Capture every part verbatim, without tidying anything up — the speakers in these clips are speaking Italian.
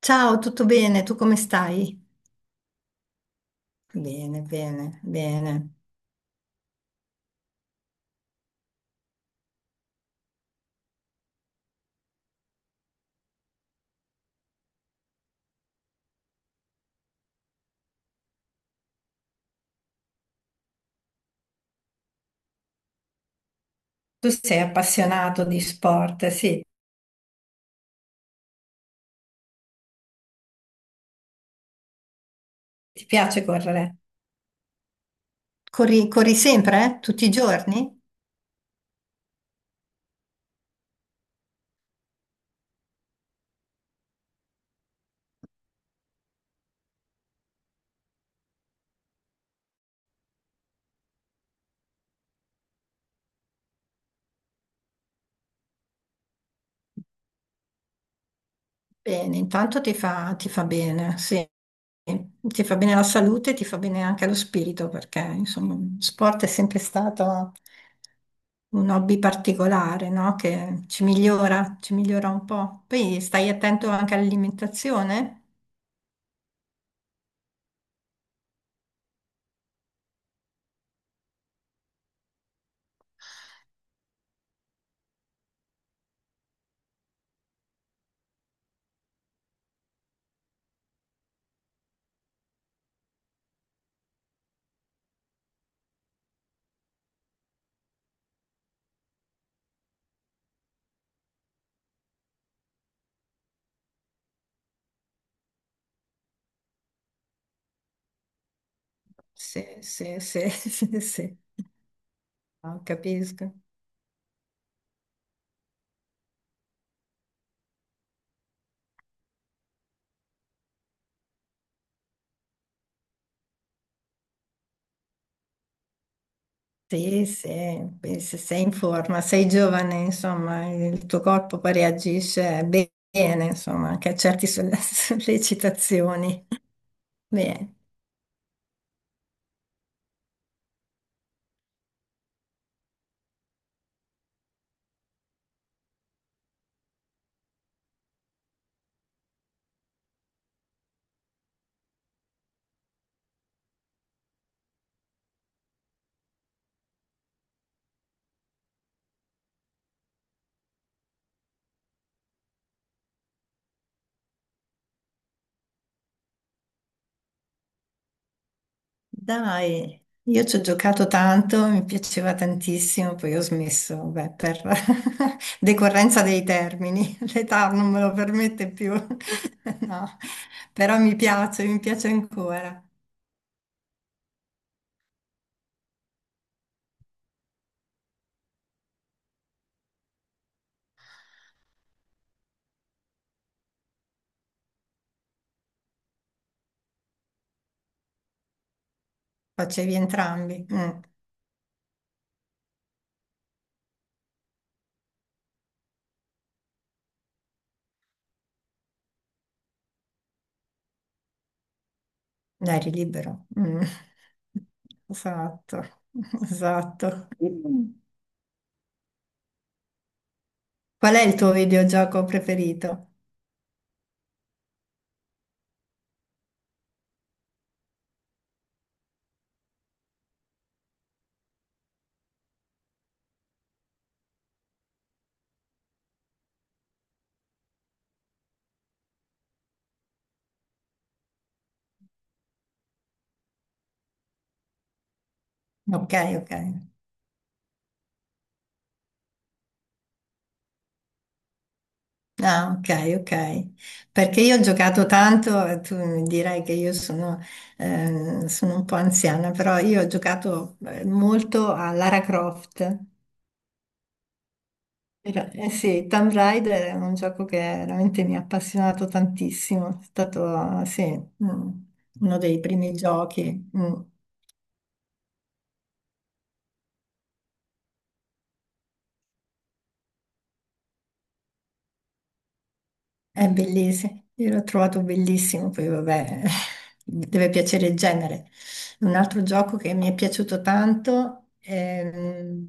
Ciao, tutto bene? Tu come stai? Bene, bene, bene. Tu sei appassionato di sport, sì, ti piace correre? Corri, corri sempre, eh? Tutti i giorni? Bene, intanto ti fa, ti fa bene, sì. Ti fa bene la salute, ti fa bene anche lo spirito, perché insomma, sport è sempre stato un hobby particolare, no? Che ci migliora, ci migliora un po'. Poi stai attento anche all'alimentazione? Sì, sì, sì, sì, sì. No, capisco. Sì, sì, beh, se sei in forma, sei giovane, insomma, il tuo corpo poi reagisce be- bene, insomma, anche a certe solle- sollecitazioni. Bene, dai, io ci ho giocato tanto, mi piaceva tantissimo, poi ho smesso, beh, per decorrenza dei termini, l'età non me lo permette più, no, però mi piace, mi piace ancora, facevi entrambi. Mm. Dai, libero. Mm. Esatto, esatto. Qual è il tuo videogioco preferito? Ok, ok. Ah, ok, ok. Perché io ho giocato tanto, eh, tu mi dirai che io sono, eh, sono un po' anziana, però io ho giocato eh, molto a Lara Croft. Era- eh sì, Tomb Raider è un gioco che veramente mi ha appassionato tantissimo, è stato, sì, mm, uno dei primi giochi. Mm. È bellissimo, io l'ho trovato bellissimo, poi vabbè, deve piacere il genere. Un altro gioco che mi è piaciuto tanto è mm,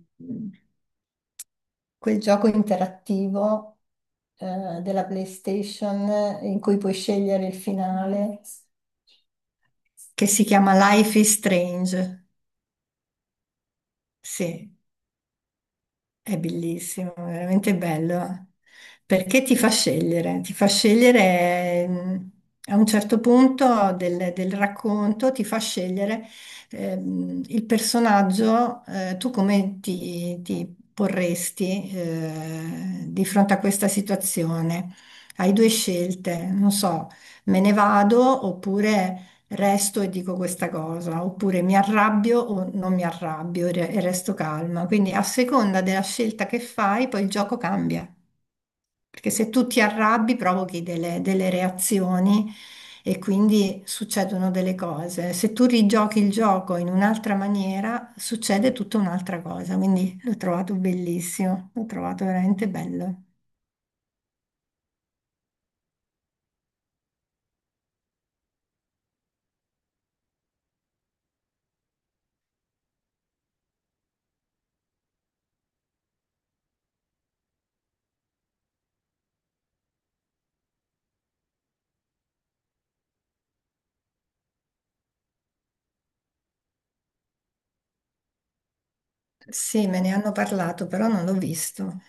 quel gioco interattivo eh, della PlayStation eh, in cui puoi scegliere il finale, che si chiama Life is Strange. Sì, è bellissimo, è veramente bello, perché ti fa scegliere, ti fa scegliere ehm, a un certo punto del, del racconto, ti fa scegliere ehm, il personaggio, eh, tu come ti, ti porresti eh, di fronte a questa situazione. Hai due scelte, non so, me ne vado oppure resto e dico questa cosa, oppure mi arrabbio o non mi arrabbio e re- e resto calma. Quindi a seconda della scelta che fai, poi il gioco cambia. Perché se tu ti arrabbi, provochi delle, delle reazioni e quindi succedono delle cose. Se tu rigiochi il gioco in un'altra maniera, succede tutta un'altra cosa. Quindi l'ho trovato bellissimo, l'ho trovato veramente bello. Sì, me ne hanno parlato, però non l'ho visto.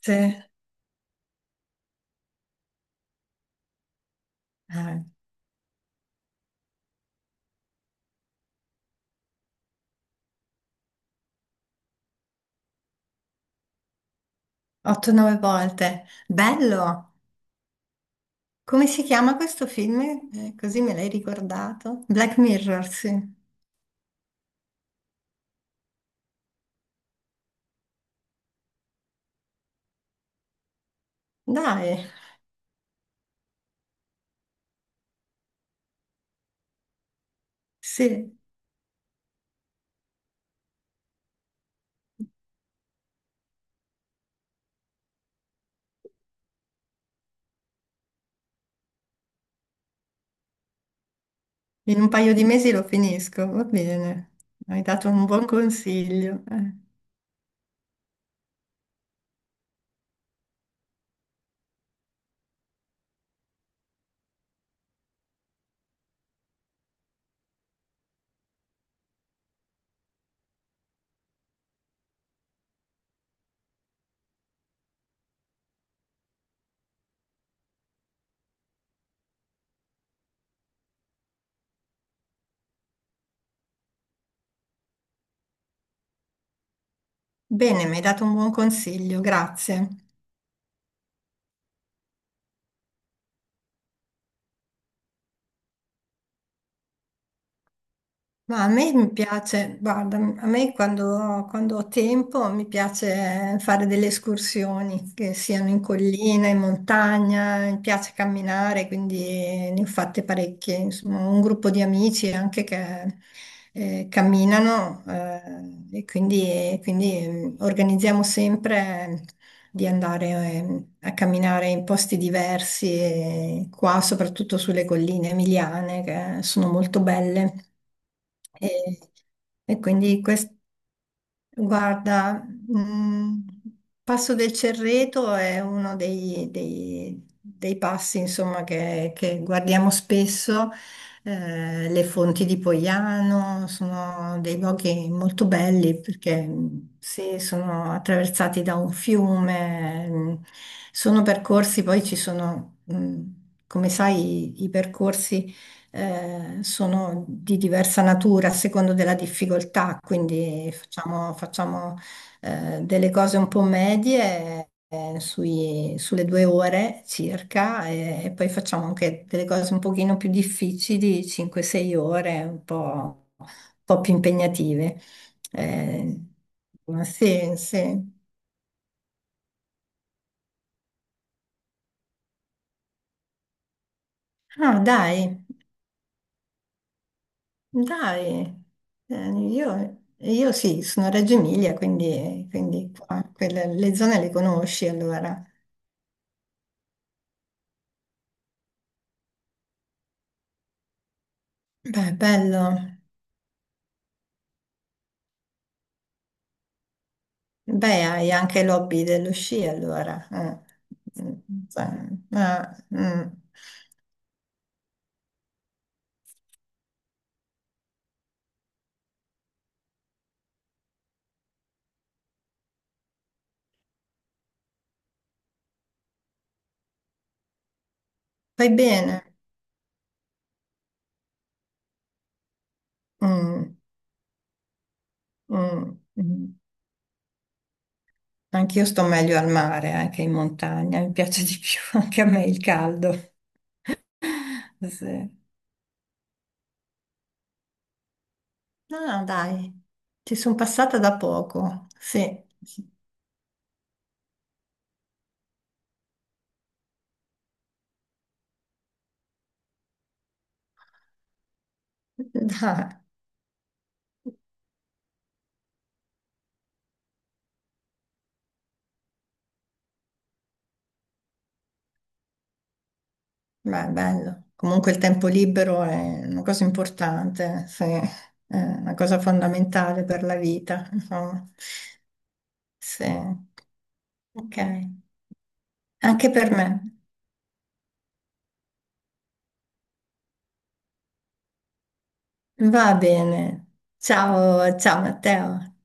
Sì. Eh, otto nove volte. Bello! Come si chiama questo film? Eh, così me l'hai ricordato. Black Mirror, sì. Dai, sì, in un paio di mesi lo finisco, va bene. Mi hai dato un buon consiglio. Eh. Bene, mi hai dato un buon consiglio, grazie. Ma a me mi piace, guarda, a me quando, quando ho tempo mi piace fare delle escursioni, che siano in collina, in montagna, mi piace camminare, quindi ne ho fatte parecchie. Insomma, ho un gruppo di amici anche che eh, camminano eh, e quindi, quindi, mm, organizziamo sempre di andare eh, a camminare in posti diversi, e qua soprattutto sulle colline emiliane che sono molto belle. E, e quindi quest- guarda, mh, Passo del Cerreto è uno dei, dei- dei passi, insomma, che, che guardiamo spesso. Eh, le fonti di Poiano sono dei luoghi molto belli perché mh, sì, sono attraversati da un fiume, mh, sono percorsi, poi ci sono, mh, come sai, i i percorsi eh, sono di diversa natura a secondo della difficoltà, quindi facciamo, facciamo, eh, delle cose un po' medie. Eh, sui- sulle due ore circa e, e poi facciamo anche delle cose un pochino più difficili, cinque sei ore, un po', un po' più impegnative. Eh, sì, sì. Ah, dai. Dai, eh, io, io sì, sono a Reggio Emilia, quindi, quindi qua, quelle- le zone le conosci allora. Beh, bello. Beh, hai anche l'hobby dello sci allora. Eh. Mm, cioè, ah, mm. Fai bene. Mm, mm, mm. Anche io sto meglio al mare, anche in montagna, mi piace di più, anche a me il caldo. Sì. No, no, dai, ci sono passata da poco, sì. Dai. Beh, bello. Comunque il tempo libero è una cosa importante, sì, è una cosa fondamentale per la vita, insomma. Sì. Ok, anche per me. Va bene. Ciao, ciao Matteo.